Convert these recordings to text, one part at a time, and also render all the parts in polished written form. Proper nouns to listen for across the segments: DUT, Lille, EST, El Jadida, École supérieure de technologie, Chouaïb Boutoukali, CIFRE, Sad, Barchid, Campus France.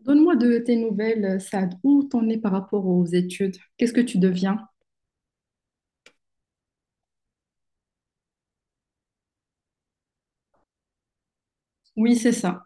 Donne-moi de tes nouvelles, Sad. Où t'en es par rapport aux études? Qu'est-ce que tu deviens? Oui, c'est ça.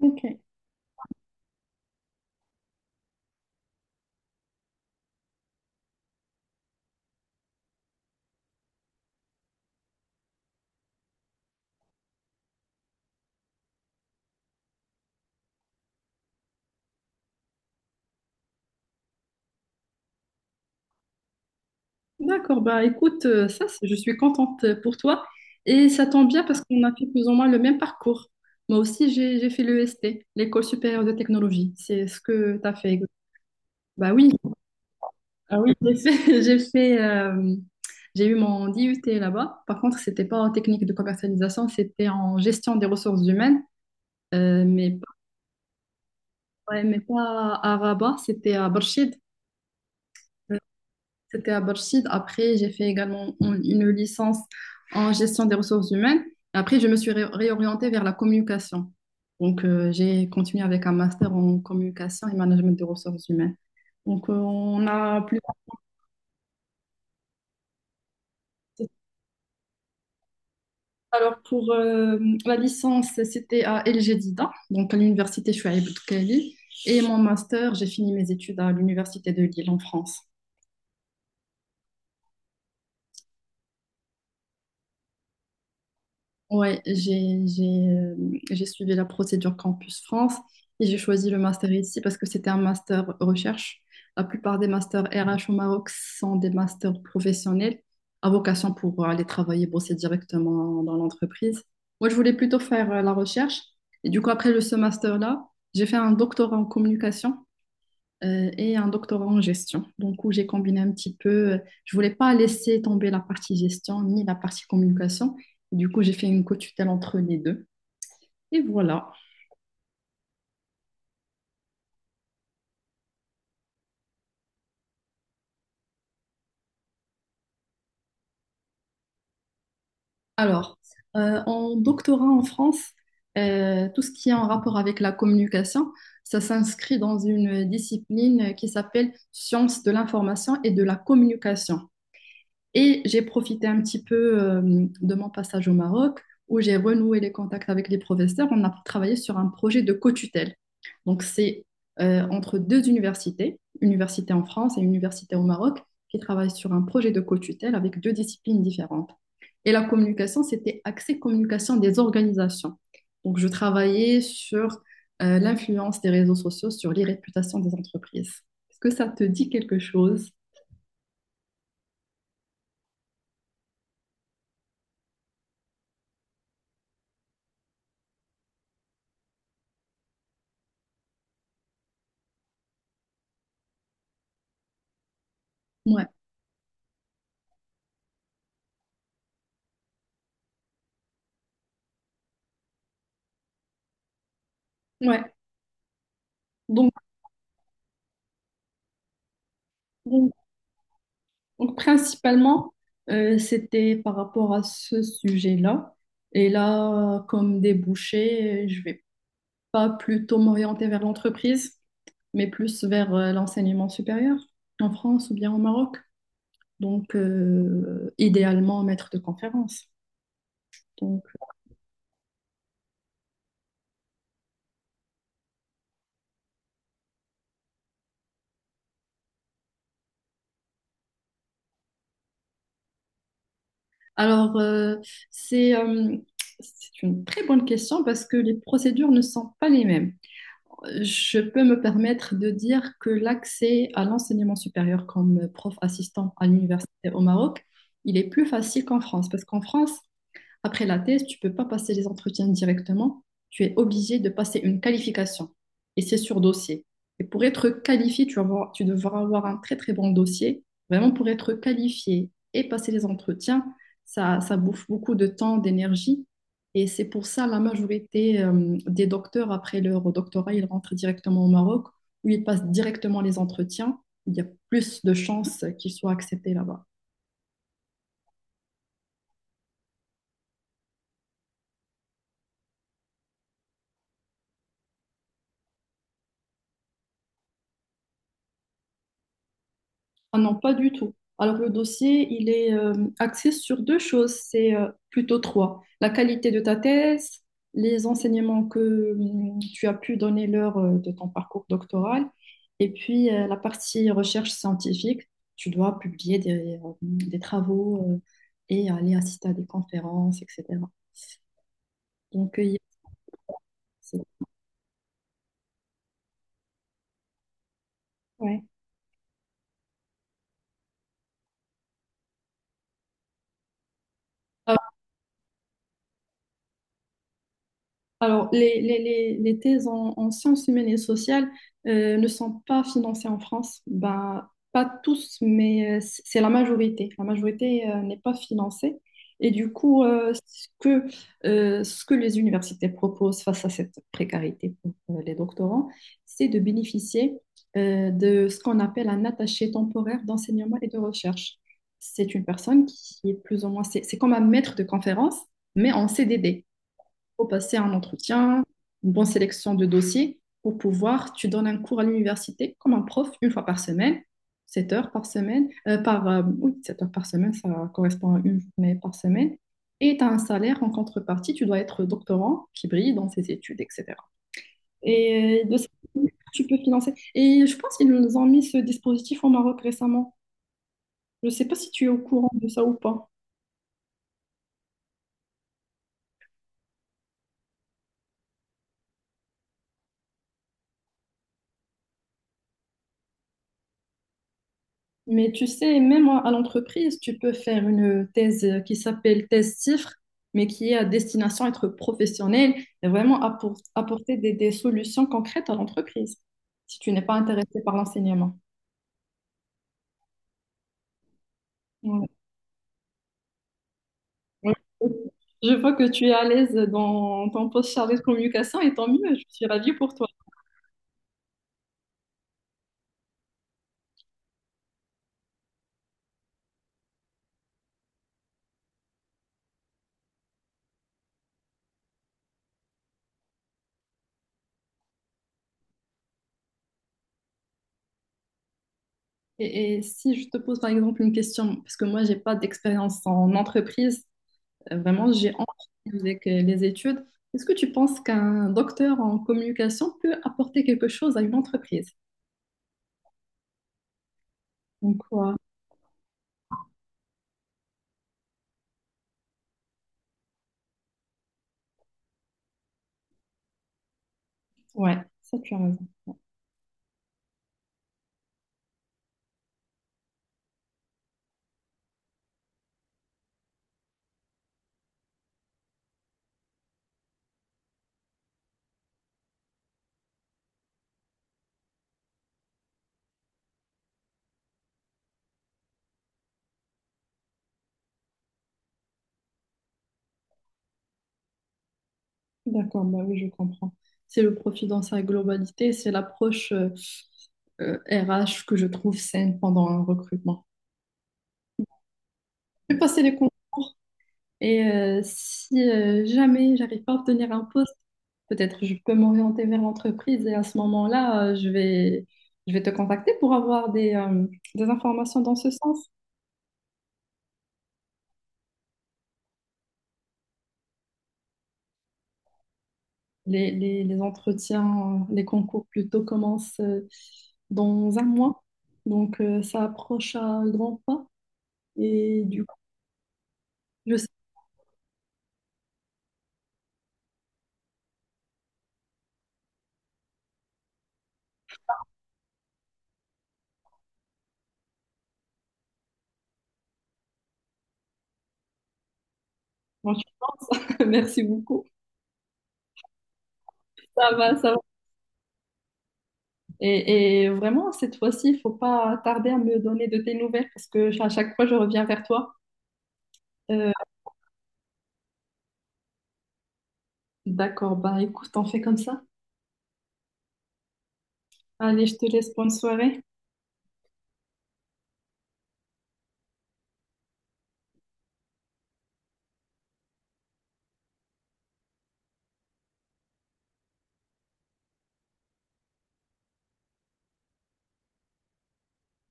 Ok. D'accord, bah écoute, ça, je suis contente pour toi. Et ça tombe bien parce qu'on a fait plus ou moins le même parcours. Moi aussi, j'ai fait l'EST, l'École supérieure de technologie. C'est ce que tu as fait. Bah oui, ah oui, j'ai fait, j'ai eu mon DUT là-bas. Par contre, c'était pas en technique de commercialisation, c'était en gestion des ressources humaines. Euh, mais Ouais, mais pas à Rabat, c'était à Barchid. C'était à Barchid. Après, j'ai fait également une licence en gestion des ressources humaines. Après, je me suis réorientée vers la communication. Donc, j'ai continué avec un master en communication et management des ressources humaines. Donc, on a plus. Alors, pour la licence, c'était à El Jadida, donc à l'université Chouaïb Boutoukali. Et mon master, j'ai fini mes études à l'université de Lille en France. Ouais, euh, j'ai suivi la procédure Campus France et j'ai choisi le master ici parce que c'était un master recherche. La plupart des masters RH au Maroc sont des masters professionnels à vocation pour aller travailler, bosser directement dans l'entreprise. Moi, je voulais plutôt faire la recherche et du coup, ce master-là, j'ai fait un doctorat en communication et un doctorat en gestion. Donc, où j'ai combiné un petit peu, je voulais pas laisser tomber la partie gestion ni la partie communication. Et du coup, j'ai fait une co-tutelle entre les deux. Et voilà. Alors, en doctorat en France, tout ce qui est en rapport avec la communication, ça s'inscrit dans une discipline qui s'appelle sciences de l'information et de la communication. Et j'ai profité un petit peu de mon passage au Maroc où j'ai renoué les contacts avec les professeurs. On a travaillé sur un projet de co-tutelle. Donc, c'est entre deux universités, une université en France et une université au Maroc, qui travaillent sur un projet de co-tutelle avec deux disciplines différentes. Et la communication, c'était axé communication des organisations. Donc, je travaillais sur l'influence des réseaux sociaux sur les des entreprises. Est-ce que ça te dit quelque chose? Ouais, ouais. Donc, Donc, principalement, c'était par rapport à ce sujet-là. Et là, comme débouché, je vais pas plutôt m'orienter vers l'entreprise, mais plus vers l'enseignement supérieur en France ou bien au Maroc. Donc, idéalement, maître de conférence. Donc, alors, c'est euh, c'est une très bonne question parce que les procédures ne sont pas les mêmes. Je peux me permettre de dire que l'accès à l'enseignement supérieur comme prof assistant à l'université au Maroc, il est plus facile qu'en France, parce qu'en France, après la thèse, tu ne peux pas passer les entretiens directement. Tu es obligé de passer une qualification. Et c'est sur dossier. Et pour être qualifié, tu devras avoir un très très bon dossier. Vraiment, pour être qualifié et passer les entretiens, ça bouffe beaucoup de temps, d'énergie. Et c'est pour ça la majorité des docteurs, après leur doctorat, ils rentrent directement au Maroc, où ils passent directement les entretiens. Il y a plus de chances qu'ils soient acceptés là-bas. Ah non, pas du tout. Alors le dossier, il est axé sur deux choses, c'est plutôt trois. La qualité de ta thèse, les enseignements que tu as pu donner lors de ton parcours doctoral, et puis la partie recherche scientifique. Tu dois publier des travaux et aller assister à des conférences, etc. Donc, il y a- c'est- ouais. Alors, les thèses en sciences humaines et sociales ne sont pas financées en France. Ben, pas tous, mais c'est la majorité. La majorité n'est pas financée. Et du coup, ce que les universités proposent face à cette précarité pour les doctorants, c'est de bénéficier de ce qu'on appelle un attaché temporaire d'enseignement et de recherche. C'est une personne qui est plus ou moins, c'est comme un maître de conférence, mais en CDD. Faut passer un entretien, une bonne sélection de dossiers pour pouvoir, tu donnes un cours à l'université comme un prof une fois par semaine, 7 heures par semaine, par, oui, 7 heures par semaine, ça correspond à une journée par semaine, et tu as un salaire en contrepartie, tu dois être doctorant qui brille dans ses études, etc. Et de ça, tu peux financer. Et je pense qu'ils nous ont mis ce dispositif au Maroc récemment. Je ne sais pas si tu es au courant de ça ou pas. Mais tu sais, même à l'entreprise, tu peux faire une thèse qui s'appelle thèse CIFRE, mais qui est à destination être professionnelle et vraiment apporter des solutions concrètes à l'entreprise, si tu n'es pas intéressé par l'enseignement. Ouais. Ouais. Je vois que tu es à l'aise dans ton poste chargé de communication et tant mieux, je suis ravie pour toi. Et si je te pose par exemple une question, parce que moi, j'ai pas d'expérience en entreprise. Vraiment, j'ai envie avec les études. Est-ce que tu penses qu'un docteur en communication peut apporter quelque chose à une entreprise? Donc, quoi? Ouais, ça, tu as raison. D'accord, bah oui, je comprends. C'est le profit dans sa globalité, c'est l'approche RH que je trouve saine pendant un recrutement. J'ai passé les concours. Et si jamais j'arrive pas à obtenir un poste, peut-être je peux m'orienter vers l'entreprise et à ce moment-là, je vais te contacter pour avoir des informations dans ce sens. Les entretiens, les concours plutôt commencent dans 1 mois. Donc ça approche à grands pas. Et du coup, je sais comment tu penses. Merci beaucoup. Ça va, ça va. Et vraiment, cette fois-ci, il faut pas tarder à me donner de tes nouvelles parce que à chaque fois, je reviens vers toi. Euh, d'accord, bah écoute, on fait comme ça. Allez, je te laisse, bonne soirée.